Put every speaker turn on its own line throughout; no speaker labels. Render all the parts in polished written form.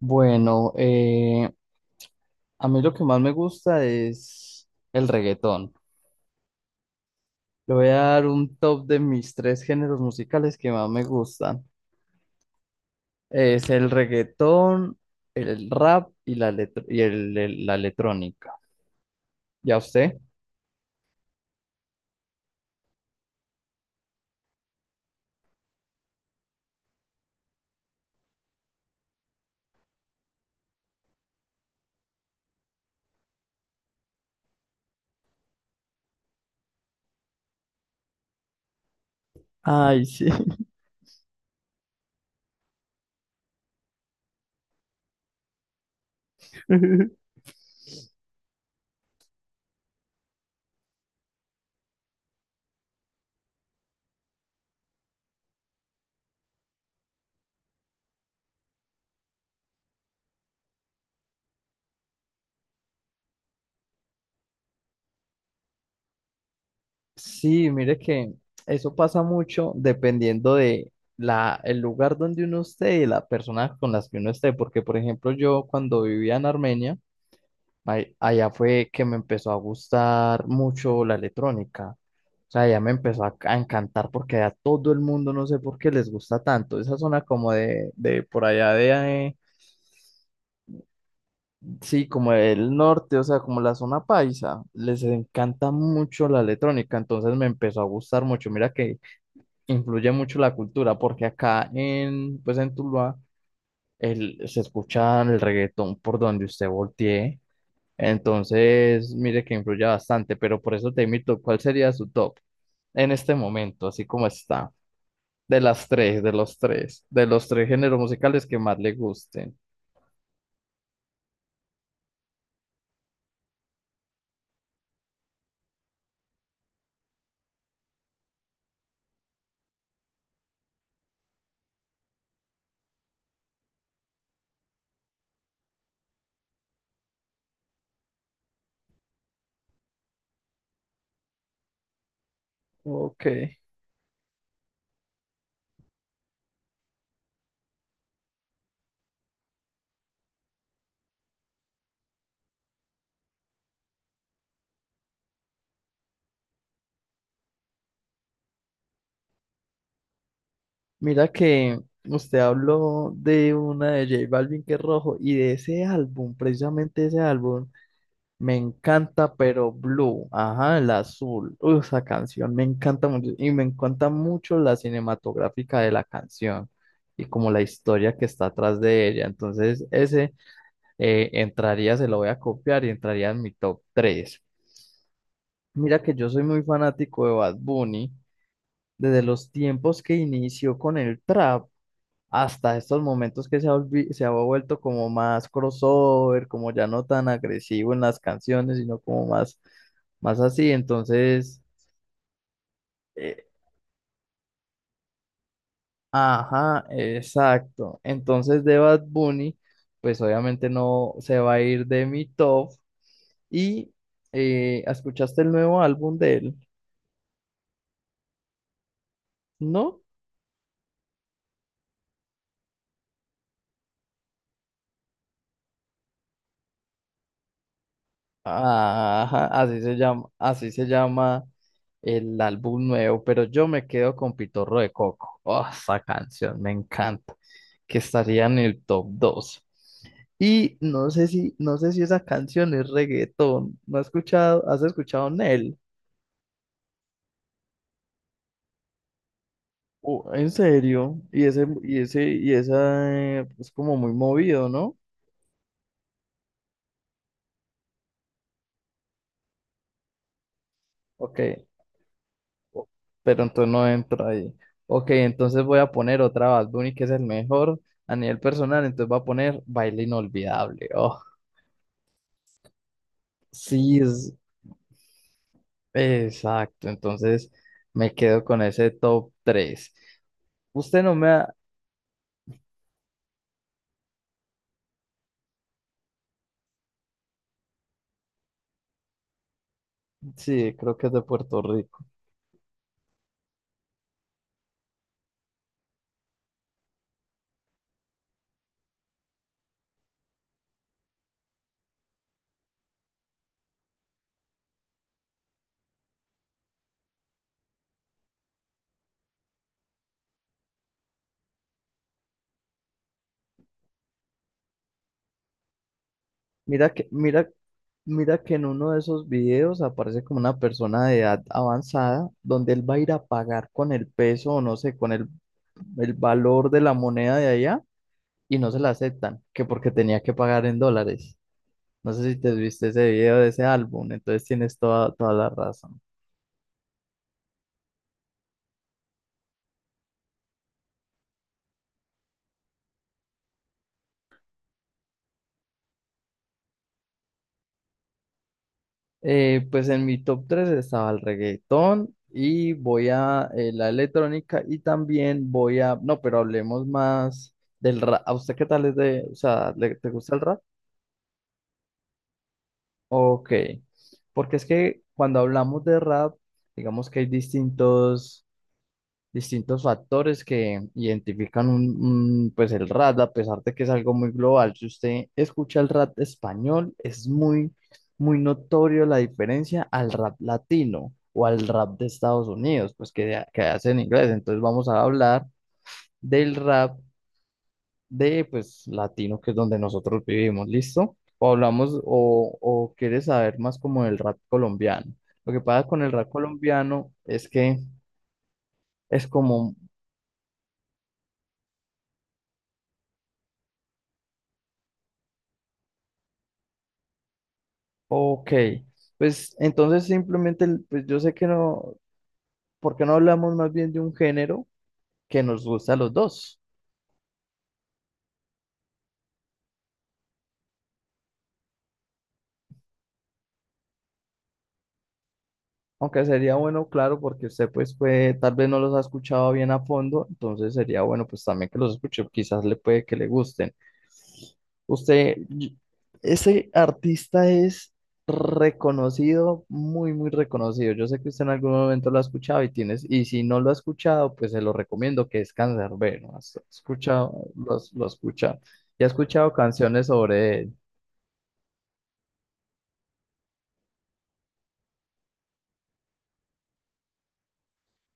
Bueno, a mí lo que más me gusta es el reggaetón. Le voy a dar un top de mis tres géneros musicales que más me gustan. Es el reggaetón, el rap y la, electro- y el- la electrónica. ¿Ya usted? Ay, sí. Sí, mire que eso pasa mucho dependiendo de el lugar donde uno esté y la persona con las que uno esté. Porque, por ejemplo, yo cuando vivía en Armenia, allá fue que me empezó a gustar mucho la electrónica. O sea, ya me empezó a encantar porque a todo el mundo no sé por qué les gusta tanto. Esa zona como de por allá sí, como del norte, o sea, como la zona paisa, les encanta mucho la electrónica. Entonces me empezó a gustar mucho. Mira que influye mucho la cultura porque pues en Tuluá, se escucha el reggaetón por donde usted voltee. Entonces, mire que influye bastante, pero por eso te invito, ¿cuál sería su top en este momento, así como está? De las tres, de los tres géneros musicales que más le gusten. Ok. Mira que usted habló de una de J Balvin que es rojo y de ese álbum, precisamente ese álbum, me encanta, pero Blue, ajá, el azul. Uy, esa canción me encanta mucho. Y me encanta mucho la cinematográfica de la canción y como la historia que está atrás de ella. Entonces, ese entraría, se lo voy a copiar y entraría en mi top 3. Mira que yo soy muy fanático de Bad Bunny desde los tiempos que inició con el trap hasta estos momentos que se ha vuelto como más crossover, como ya no tan agresivo en las canciones, sino como más, más así. Entonces, eh, ajá, exacto. Entonces de Bad Bunny, pues obviamente no se va a ir de mi top. Y ¿escuchaste el nuevo álbum de él? ¿No? Ah, ajá, así se llama el álbum nuevo, pero yo me quedo con Pitorro de Coco. Oh, esa canción me encanta, que estaría en el top dos. Y no sé si esa canción es reggaetón. ¿No has escuchado? ¿Has escuchado Nel? Oh, ¿en serio? Y esa es como muy movido, ¿no? Ok. o- pero entonces no entro ahí. Ok, entonces voy a poner otra Bad Bunny que es el mejor a nivel personal, entonces voy a poner Baile Inolvidable. Oh, sí, es exacto, entonces me quedo con ese top tres. Usted no me ha... Sí, creo que es de Puerto Rico. Mira, mira que en uno de esos videos aparece como una persona de edad avanzada donde él va a ir a pagar con el peso o no sé, el valor de la moneda de allá y no se la aceptan, que porque tenía que pagar en dólares. No sé si te viste ese video de ese álbum, entonces tienes toda, toda la razón. Pues en mi top 3 estaba el reggaetón y voy a la electrónica y también voy a, no, pero hablemos más del rap. ¿A usted qué tal es de, o sea, te gusta el rap? Ok, porque es que cuando hablamos de rap, digamos que hay distintos factores que identifican pues el rap, a pesar de que es algo muy global. Si usted escucha el rap español, es muy, muy notorio la diferencia al rap latino o al rap de Estados Unidos, pues que hace en inglés. Entonces vamos a hablar del rap de, pues, latino, que es donde nosotros vivimos, ¿listo? O o quieres saber más como del rap colombiano. Lo que pasa con el rap colombiano es que es como ok, pues entonces simplemente, pues yo sé que no, ¿por qué no hablamos más bien de un género que nos gusta a los dos? Aunque sería bueno, claro, porque pues tal vez no los ha escuchado bien a fondo, entonces sería bueno pues también que los escuche, quizás le puede que le gusten. Usted, ese artista es reconocido, muy, muy reconocido. Yo sé que usted en algún momento lo ha escuchado y tienes, y si no lo ha escuchado, pues se lo recomiendo que es Canserbero. Has escuchado, lo escucha. Y ha escuchado canciones sobre él.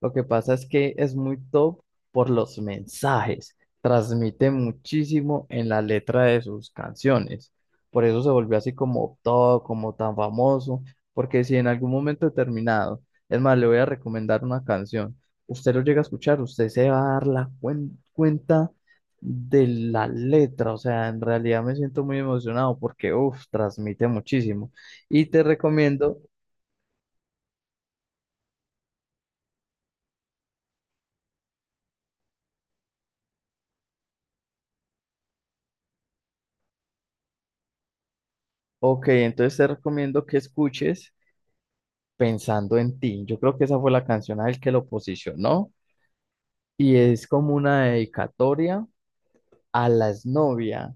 Lo que pasa es que es muy top por los mensajes. Transmite muchísimo en la letra de sus canciones. Por eso se volvió así como top, como tan famoso. Porque si en algún momento determinado, es más, le voy a recomendar una canción, usted lo llega a escuchar, usted se va a dar la cuenta de la letra. O sea, en realidad me siento muy emocionado porque, uff, transmite muchísimo. Y te recomiendo, ok, entonces te recomiendo que escuches. Pensando en ti. Yo creo que esa fue la canción a él que lo posicionó y es como una dedicatoria a las novias.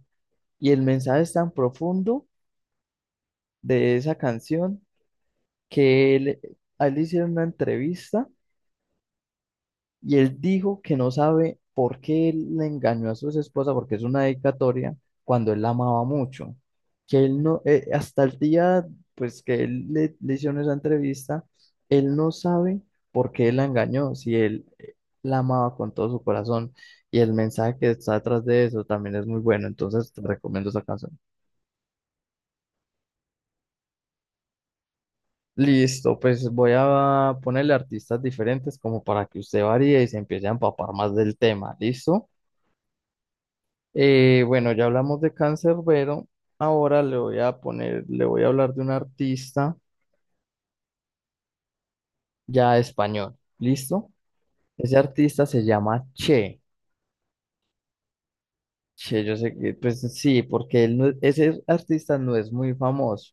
Y el mensaje es tan profundo de esa canción que a él le hicieron una entrevista. Y él dijo que no sabe por qué él le engañó a su esposa, porque es una dedicatoria cuando él la amaba mucho. Que él no, Hasta el día, le hicieron esa entrevista, él no sabe por qué él la engañó, si él la amaba con todo su corazón. Y el mensaje que está detrás de eso también es muy bueno, entonces te recomiendo esa canción. Listo, pues voy a ponerle artistas diferentes como para que usted varíe y se empiece a empapar más del tema, ¿listo? Bueno, ya hablamos de Canserbero. Ahora le voy a hablar de un artista ya español. ¿Listo? Ese artista se llama Che. Che, yo sé que, pues sí, porque él no- ese artista no es muy famoso,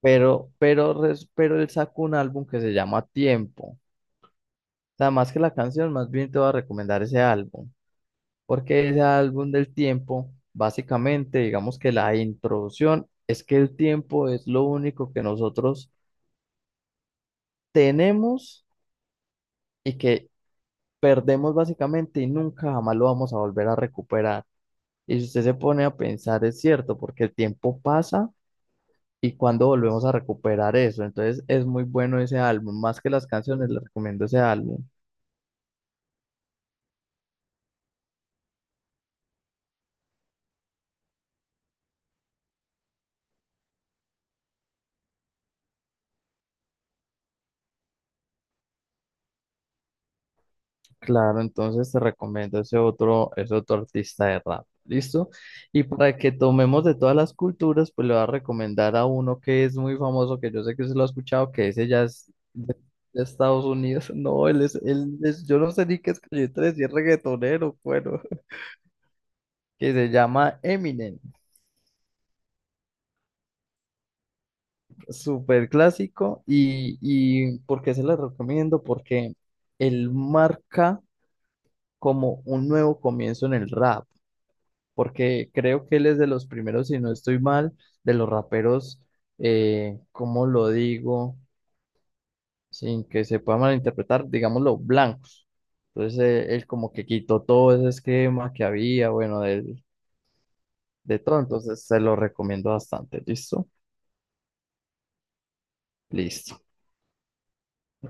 pero pero él sacó un álbum que se llama Tiempo. O sea, más que la canción, más bien te voy a recomendar ese álbum, porque ese álbum del tiempo, básicamente, digamos que la introducción es que el tiempo es lo único que nosotros tenemos y que perdemos básicamente y nunca jamás lo vamos a volver a recuperar. Y si usted se pone a pensar, es cierto, porque el tiempo pasa y cuando volvemos a recuperar eso. Entonces es muy bueno ese álbum, más que las canciones, le recomiendo ese álbum. Claro, entonces te recomiendo ese otro artista de rap, ¿listo? Y para que tomemos de todas las culturas, pues le voy a recomendar a uno que es muy famoso, que yo sé que usted lo ha escuchado, que ese ya es de Estados Unidos. No, él es, Él es, yo no sé ni qué es que yo te decía reggaetonero, bueno, que se llama Eminem, súper clásico. Y ¿por qué se lo recomiendo? Porque él marca como un nuevo comienzo en el rap. Porque creo que él es de los primeros, si no estoy mal, de los raperos, ¿cómo lo digo? Sin que se pueda malinterpretar, digámoslo, blancos. Entonces él como que quitó todo ese esquema que había, bueno, de todo, entonces se lo recomiendo bastante, ¿listo? Listo.